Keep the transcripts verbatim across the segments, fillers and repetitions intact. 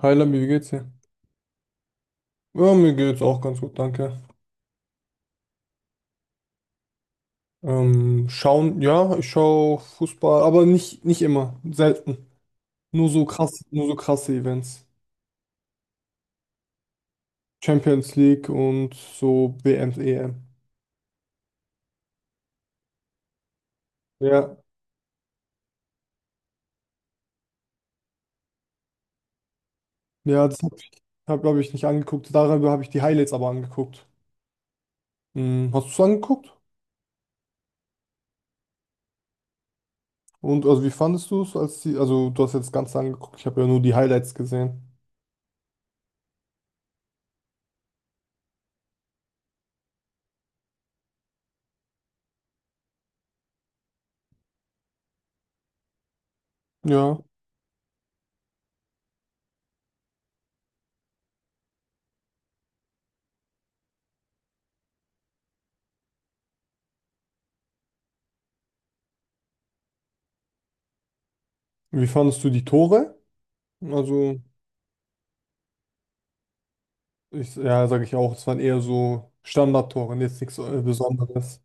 Hi Labi, wie geht's dir? Ja, mir geht's auch ganz gut, danke. Ähm, schauen, ja, ich schaue Fußball, aber nicht, nicht immer, selten. Nur so krass, nur so krasse Events. Champions League und so W M, E M. Ja, ja, das habe ich, hab, glaube ich, nicht angeguckt. Darüber habe ich die Highlights aber angeguckt. Hm, hast du es angeguckt? Und also wie fandest du es, als die, also du hast jetzt das Ganze angeguckt, ich habe ja nur die Highlights gesehen. Ja. Wie fandest du die Tore? Also. Ich, ja, sage ich auch, es waren eher so Standardtore, jetzt nichts äh, Besonderes.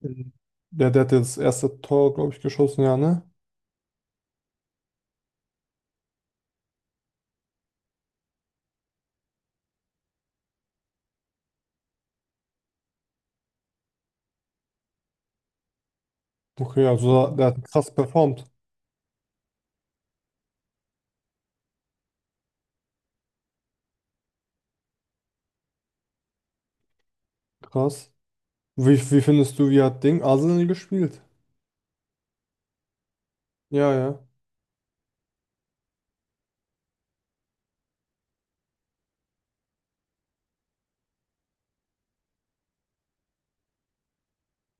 Mhm. Der, der hat jetzt das erste Tor, glaube ich, geschossen, ja, ne? Okay, also der hat krass performt. Krass. Wie, wie findest du, wie hat Ding Arsenal gespielt? Ja, ja.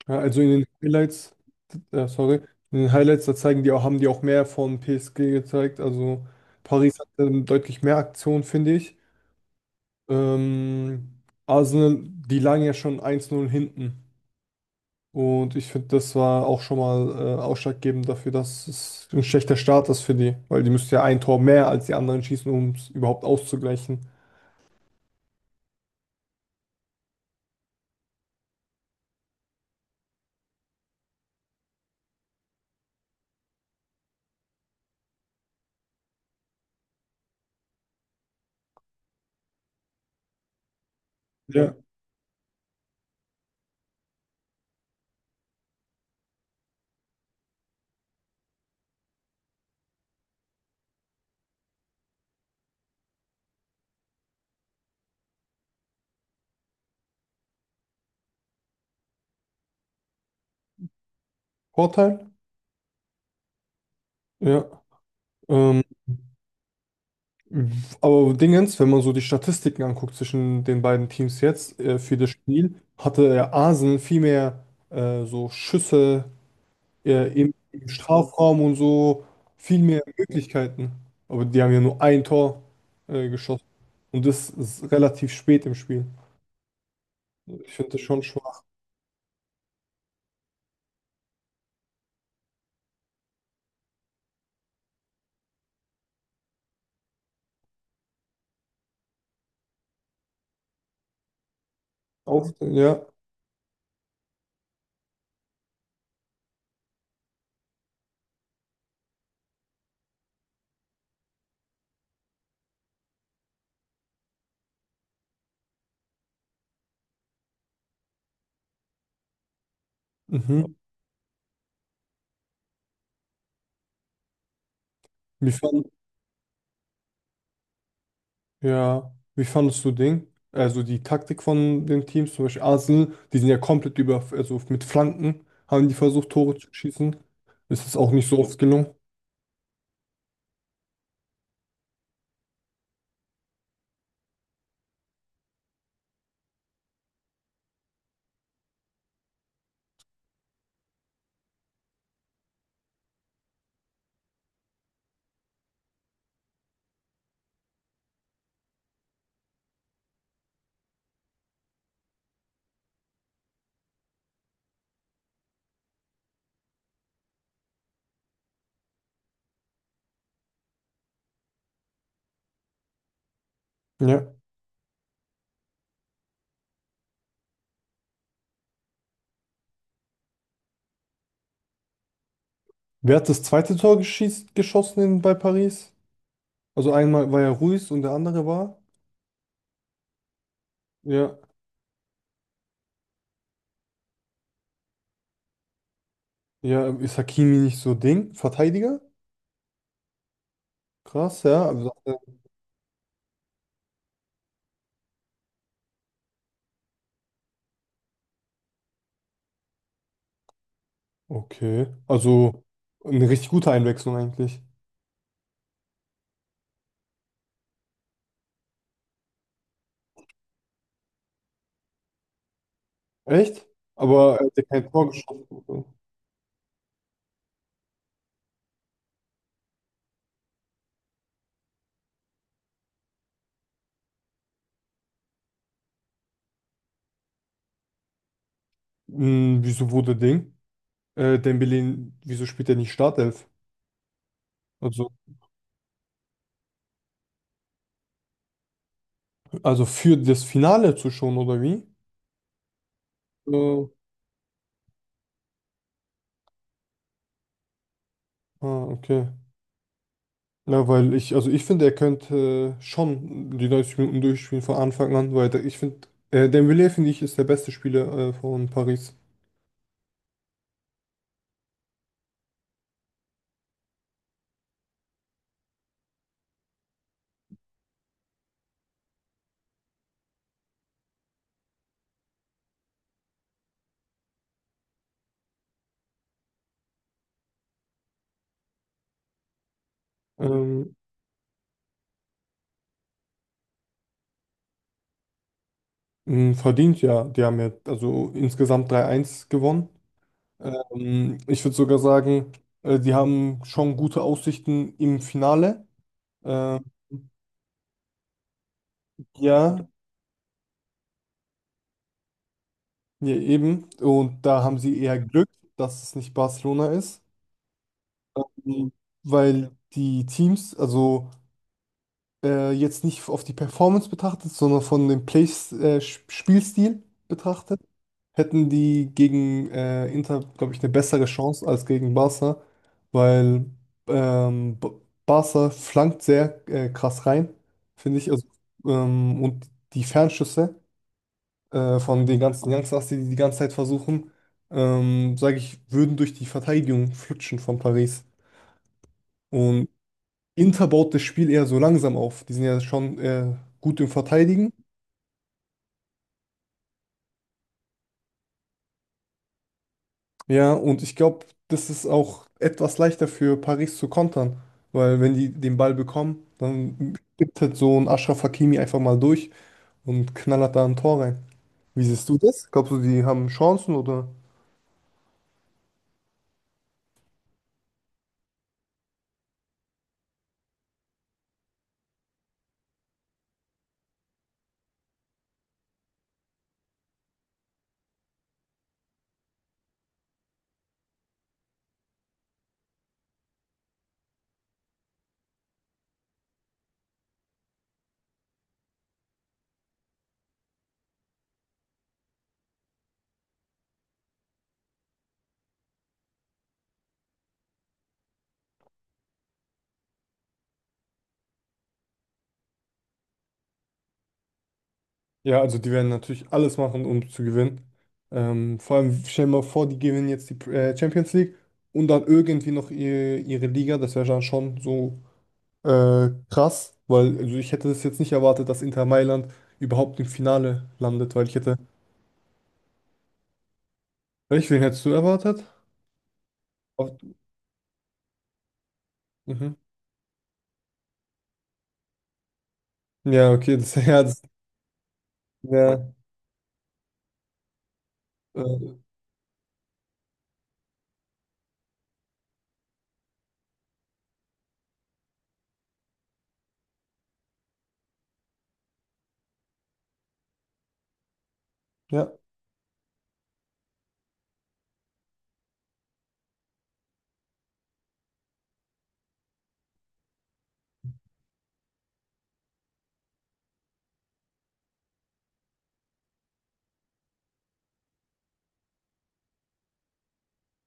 Ja, also in den Highlights, äh, sorry, in den Highlights, da zeigen die auch, haben die auch mehr von P S G gezeigt. Also Paris hat ähm, deutlich mehr Aktionen, finde ich. Ähm, Arsenal, die lagen ja schon eins null hinten. Und ich finde, das war auch schon mal äh, ausschlaggebend dafür, dass es ein schlechter Start ist für die, weil die müssten ja ein Tor mehr als die anderen schießen, um es überhaupt auszugleichen. Ja. Vorteil? Ja. Ähm, aber Dingens, wenn man so die Statistiken anguckt zwischen den beiden Teams jetzt äh, für das Spiel, hatte ja Arsenal viel mehr äh, so Schüsse äh, im, im Strafraum und so, viel mehr Möglichkeiten. Aber die haben ja nur ein Tor äh, geschossen und das ist relativ spät im Spiel. Ich finde das schon schwach. Auf, ja. Mhm. Wie fand, ja. Wie fandest du Ding? Also die Taktik von den Teams, zum Beispiel Arsenal, die sind ja komplett über, also mit Flanken haben die versucht, Tore zu schießen. Es ist auch nicht so oft gelungen. Ja. Wer hat das zweite Tor geschieß, geschossen in, bei Paris? Also einmal war ja Ruiz und der andere war. Ja. Ja, ist Hakimi nicht so Ding? Verteidiger? Krass, ja. Also, okay. Also eine richtig gute Einwechslung eigentlich. Echt? Aber er hat ja kein Tor geschossen. Hm, wieso wurde Ding? Äh, Dembele, wieso spielt er nicht Startelf? Also, also für das Finale zu schon, oder wie? Äh, ah, okay. Ja, weil ich, also ich finde, er könnte äh, schon die neunzig Minuten durchspielen von Anfang an, weil der- ich finde, äh, Dembele, finde ich, ist der beste Spieler äh, von Paris. Ähm, mh, verdient ja, die haben ja also insgesamt drei eins gewonnen. Ähm, ich würde sogar sagen, äh, die haben schon gute Aussichten im Finale. Ähm, ja, ja, eben. Und da haben sie eher Glück, dass es nicht Barcelona ist. Mhm. Weil die Teams, also äh, jetzt nicht auf die Performance betrachtet, sondern von dem Play, äh, Spielstil betrachtet. Hätten die gegen äh, Inter, glaube ich, eine bessere Chance als gegen Barca, weil ähm, B- Barca flankt sehr äh, krass rein, finde ich. Also, ähm, und die Fernschüsse äh, von den ganzen Youngsters, die die die ganze Zeit versuchen, ähm, sage ich, würden durch die Verteidigung flutschen von Paris. Und Inter baut das Spiel eher so langsam auf. Die sind ja schon äh, gut im Verteidigen. Ja, und ich glaube, das ist auch etwas leichter für Paris zu kontern, weil wenn die den Ball bekommen, dann gibt halt so ein Achraf Hakimi einfach mal durch und knallert da ein Tor rein. Wie siehst du das? Glaubst du, die haben Chancen oder? Ja, also die werden natürlich alles machen, um zu gewinnen. Ähm, vor allem, stell dir mal vor, die gewinnen jetzt die äh, Champions League und dann irgendwie noch ihre, ihre Liga. Das wäre dann schon so äh, krass, weil also ich hätte das jetzt nicht erwartet, dass Inter Mailand überhaupt im Finale landet, weil ich hätte. Echt, wen hättest du erwartet? Auf, mhm. Ja, okay, das, ja, das, ja, äh, ja,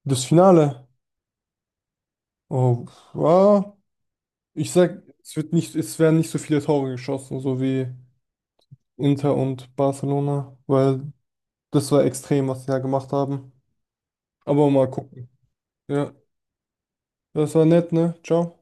das Finale. Oh, ja, ich sag, es wird nicht, es werden nicht so viele Tore geschossen, so wie Inter und Barcelona, weil das war extrem, was sie da gemacht haben. Aber mal gucken. Ja, das war nett, ne? Ciao.